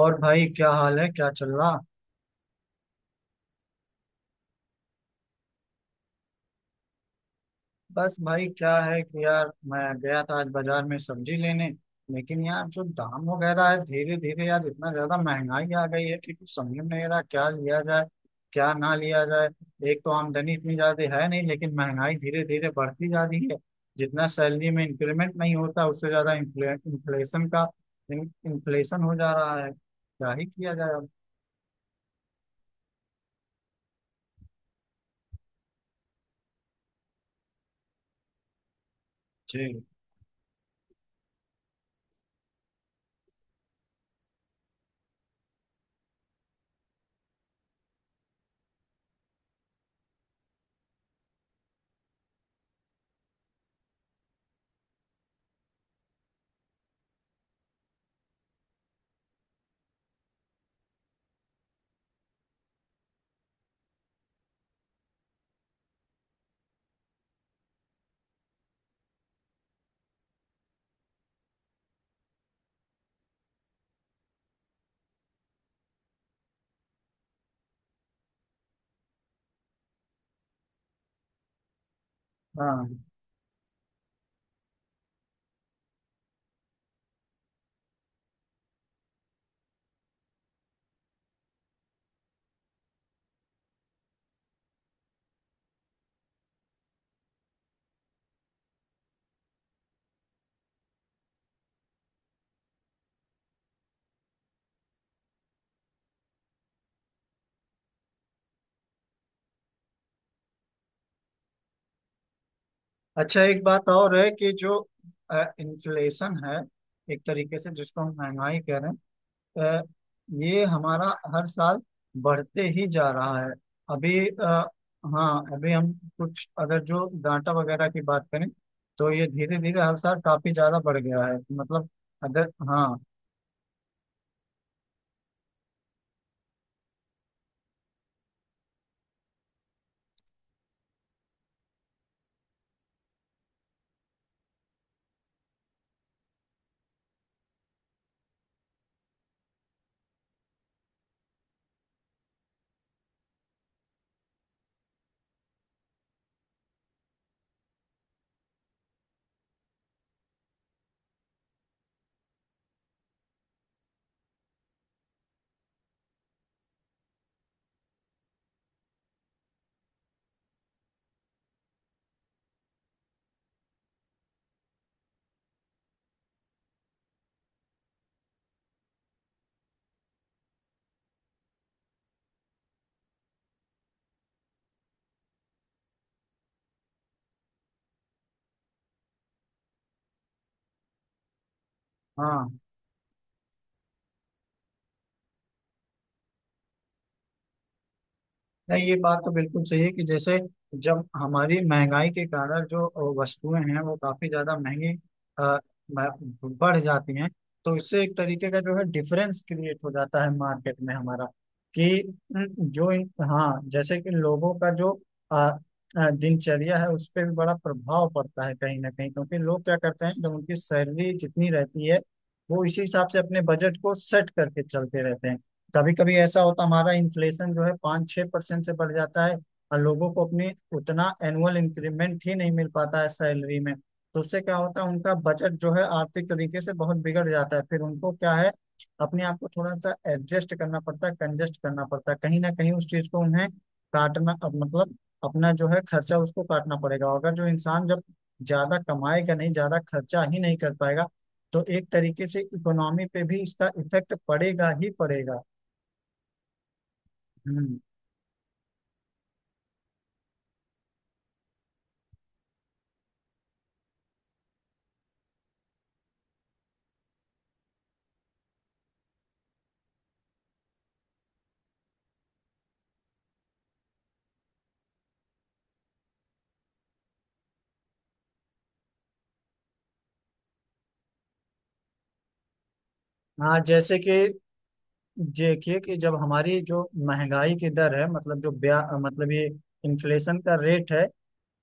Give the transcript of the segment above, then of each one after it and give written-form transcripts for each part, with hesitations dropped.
और भाई, क्या हाल है? क्या चल रहा? बस भाई, क्या है कि यार, मैं गया था आज बाजार में सब्जी लेने। लेकिन यार, जो दाम वगैरह है धीरे धीरे, यार इतना ज्यादा महंगाई आ गई है कि कुछ समझ में नहीं आ रहा क्या लिया जाए, क्या ना लिया जाए। एक तो आमदनी इतनी ज्यादा है नहीं, लेकिन महंगाई धीरे धीरे बढ़ती जा रही है। जितना सैलरी में इंक्रीमेंट नहीं होता, उससे ज्यादा इन्फ्लेशन का इन्फ्लेशन हो जा रहा है। क्या ही किया जाए अब। जी। हाँ। अच्छा, एक बात और है कि जो इन्फ्लेशन है, एक तरीके से जिसको हम महंगाई कह रहे हैं, ये हमारा हर साल बढ़ते ही जा रहा है। अभी हाँ, अभी हम कुछ अगर जो डाटा वगैरह की बात करें, तो ये धीरे धीरे हर साल काफी ज्यादा बढ़ गया है मतलब। अगर हाँ। हाँ। नहीं, ये बात तो बिल्कुल सही है कि जैसे जब हमारी महंगाई के कारण जो वस्तुएं हैं, वो काफी ज्यादा महंगी अ, बढ़ जाती हैं, तो इससे एक तरीके का जो है डिफरेंस क्रिएट हो जाता है मार्केट में हमारा, कि न, जो इन हाँ, जैसे कि लोगों का जो अ, दिनचर्या है, उस पर भी बड़ा प्रभाव पड़ता है कहीं ना कहीं, क्योंकि लोग क्या करते हैं जब उनकी सैलरी जितनी रहती है, वो इसी हिसाब से अपने बजट को सेट करके चलते रहते हैं। कभी कभी ऐसा होता, हमारा इन्फ्लेशन जो है 5-6% से बढ़ जाता है, और लोगों को अपने उतना एनुअल इंक्रीमेंट ही नहीं मिल पाता है सैलरी में। तो उससे क्या होता है, उनका बजट जो है आर्थिक तरीके से बहुत बिगड़ जाता है, फिर उनको क्या है, अपने आप को थोड़ा सा एडजस्ट करना पड़ता है, कंजस्ट करना पड़ता है, कहीं ना कहीं उस चीज को उन्हें काटना, अब मतलब अपना जो है खर्चा उसको काटना पड़ेगा, और अगर जो इंसान जब ज्यादा कमाएगा नहीं, ज्यादा खर्चा ही नहीं कर पाएगा, तो एक तरीके से इकोनॉमी पे भी इसका इफेक्ट पड़ेगा ही पड़ेगा। हम्म, हाँ, जैसे कि देखिए कि जब हमारी जो महंगाई की दर है, मतलब जो ब्या मतलब ये इन्फ्लेशन का रेट है,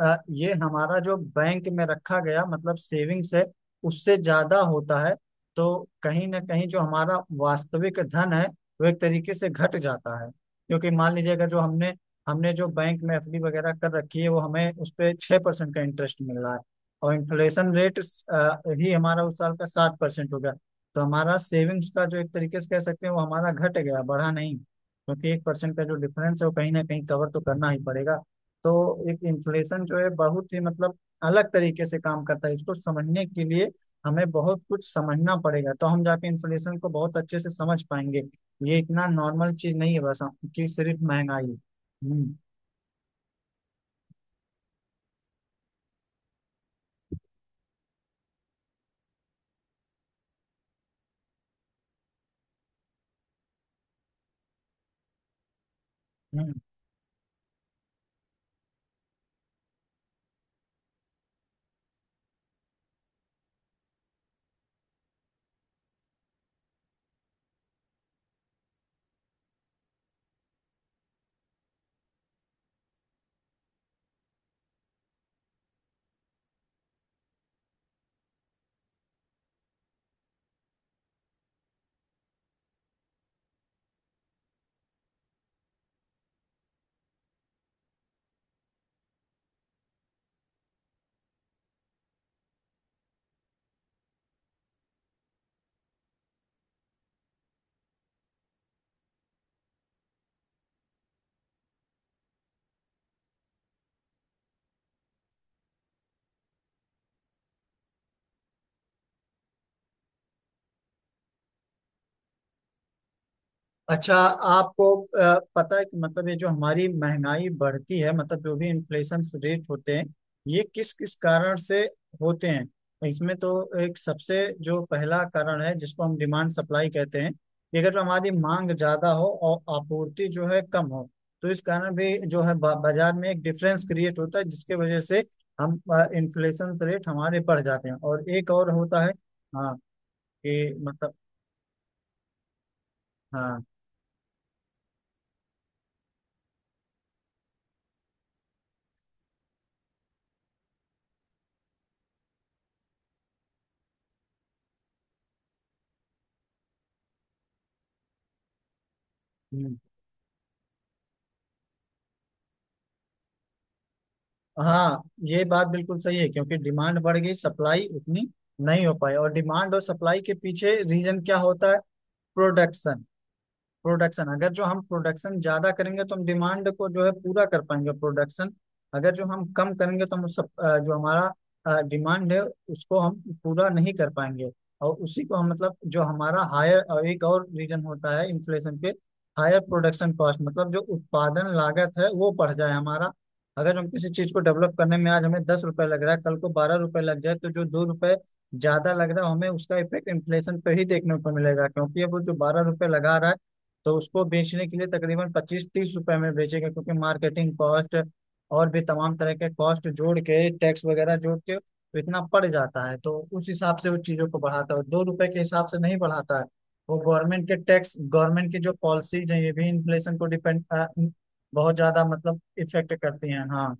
ये हमारा जो बैंक में रखा गया मतलब सेविंग्स है, उससे ज्यादा होता है, तो कहीं ना कहीं जो हमारा वास्तविक धन है, वो एक तरीके से घट जाता है। क्योंकि मान लीजिए अगर जो हमने हमने जो बैंक में एफडी वगैरह कर रखी है, वो हमें उस पे 6% का इंटरेस्ट मिल रहा है, और इन्फ्लेशन रेट ही हमारा उस साल का 7% हो गया, तो हमारा सेविंग्स का जो एक तरीके से कह सकते हैं, वो हमारा घट गया, बढ़ा नहीं, क्योंकि 1% का जो डिफरेंस है वो कहीं ना कहीं कवर तो करना ही पड़ेगा। तो एक इन्फ्लेशन जो है बहुत ही मतलब अलग तरीके से काम करता है। इसको समझने के लिए हमें बहुत कुछ समझना पड़ेगा, तो हम जाके इन्फ्लेशन को बहुत अच्छे से समझ पाएंगे। ये इतना नॉर्मल चीज नहीं है बस कि सिर्फ महंगाई। हम्म। हम्म। अच्छा, आपको पता है कि मतलब ये जो हमारी महंगाई बढ़ती है, मतलब जो भी इन्फ्लेशन रेट होते हैं, ये किस किस कारण से होते हैं, तो इसमें तो एक सबसे जो पहला कारण है जिसको हम डिमांड सप्लाई कहते हैं कि अगर हमारी मांग ज्यादा हो और आपूर्ति जो है कम हो, तो इस कारण भी जो है बाजार में एक डिफरेंस क्रिएट होता है जिसके वजह से हम इन्फ्लेशन रेट हमारे बढ़ जाते हैं। और एक और होता है। हाँ, कि मतलब। हाँ। हम्म। हाँ, ये बात बिल्कुल सही है क्योंकि डिमांड बढ़ गई, सप्लाई उतनी नहीं हो पाई। और डिमांड और सप्लाई के पीछे रीजन क्या होता है? प्रोडक्शन। प्रोडक्शन, अगर जो हम प्रोडक्शन ज्यादा करेंगे तो हम डिमांड को जो है पूरा कर पाएंगे। प्रोडक्शन अगर जो हम कम करेंगे तो हम उस जो हमारा डिमांड है, उसको हम पूरा नहीं कर पाएंगे। और उसी को हम मतलब जो हमारा हायर, एक और रीजन होता है इन्फ्लेशन पे, हायर प्रोडक्शन कॉस्ट। मतलब जो उत्पादन लागत है वो बढ़ जाए हमारा। अगर हम किसी चीज को डेवलप करने में आज हमें 10 रुपए लग रहा है, कल को 12 रुपए लग जाए, तो जो 2 रुपए ज्यादा लग रहा है हमें, उसका इफेक्ट इन्फ्लेशन पे ही देखने को मिलेगा, क्योंकि अब वो जो 12 रुपए लगा रहा है, तो उसको बेचने के लिए तकरीबन 25-30 रुपए में बेचेगा, क्योंकि मार्केटिंग कॉस्ट और भी तमाम तरह के कॉस्ट जोड़ के, टैक्स वगैरह जोड़ के तो इतना पड़ जाता है, तो उस हिसाब से वो चीज़ों को बढ़ाता है, 2 रुपए के हिसाब से नहीं बढ़ाता है। वो गवर्नमेंट के टैक्स, गवर्नमेंट की जो पॉलिसीज हैं, ये भी इन्फ्लेशन को डिपेंड बहुत ज्यादा मतलब इफेक्ट करती हैं। हाँ।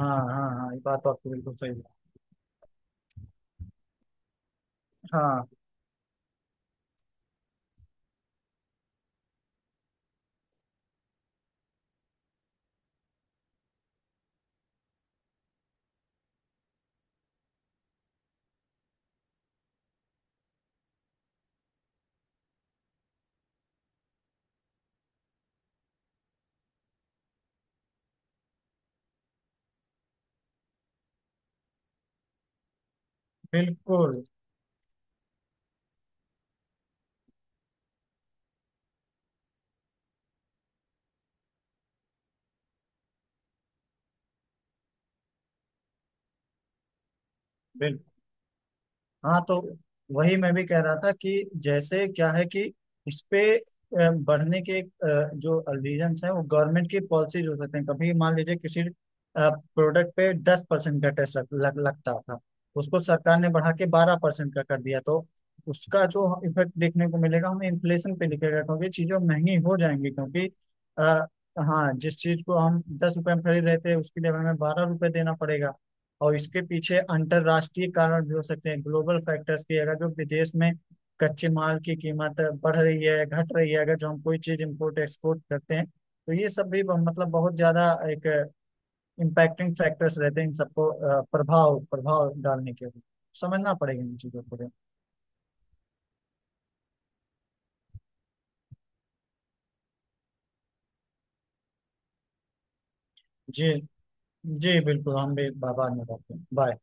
हाँ, हाँ, हाँ, ये बात तो आपकी बिल्कुल सही है। हाँ। बिल्कुल, बिल्कुल। हाँ तो वही मैं भी कह रहा था कि जैसे क्या है कि इस पे बढ़ने के जो रीजंस हैं, वो गवर्नमेंट की पॉलिसीज हो सकते हैं। कभी मान लीजिए किसी प्रोडक्ट पे 10% का टैक्स लग, लग, लगता था, उसको सरकार ने बढ़ा के 12% का कर दिया, तो उसका जो इफेक्ट देखने को मिलेगा हमें, इन्फ्लेशन पे दिखेगा क्योंकि चीजें महंगी हो जाएंगी, क्योंकि आ, हाँ, जिस चीज को हम 10 रुपए में खरीद रहे थे, उसके लिए हमें बारह रुपए देना पड़ेगा। और इसके पीछे अंतरराष्ट्रीय कारण भी हो सकते हैं, ग्लोबल फैक्टर्स की, अगर जो विदेश में कच्चे माल की कीमत बढ़ रही है, घट रही है, अगर जो हम कोई चीज इम्पोर्ट एक्सपोर्ट करते हैं, तो ये सब भी मतलब बहुत ज्यादा एक इम्पैक्टिंग फैक्टर्स रहते हैं, इन सबको प्रभाव प्रभाव डालने के लिए समझना पड़ेगा इन चीजों को। जी। जी बिल्कुल, हम भी बाद में करते हैं। बाय।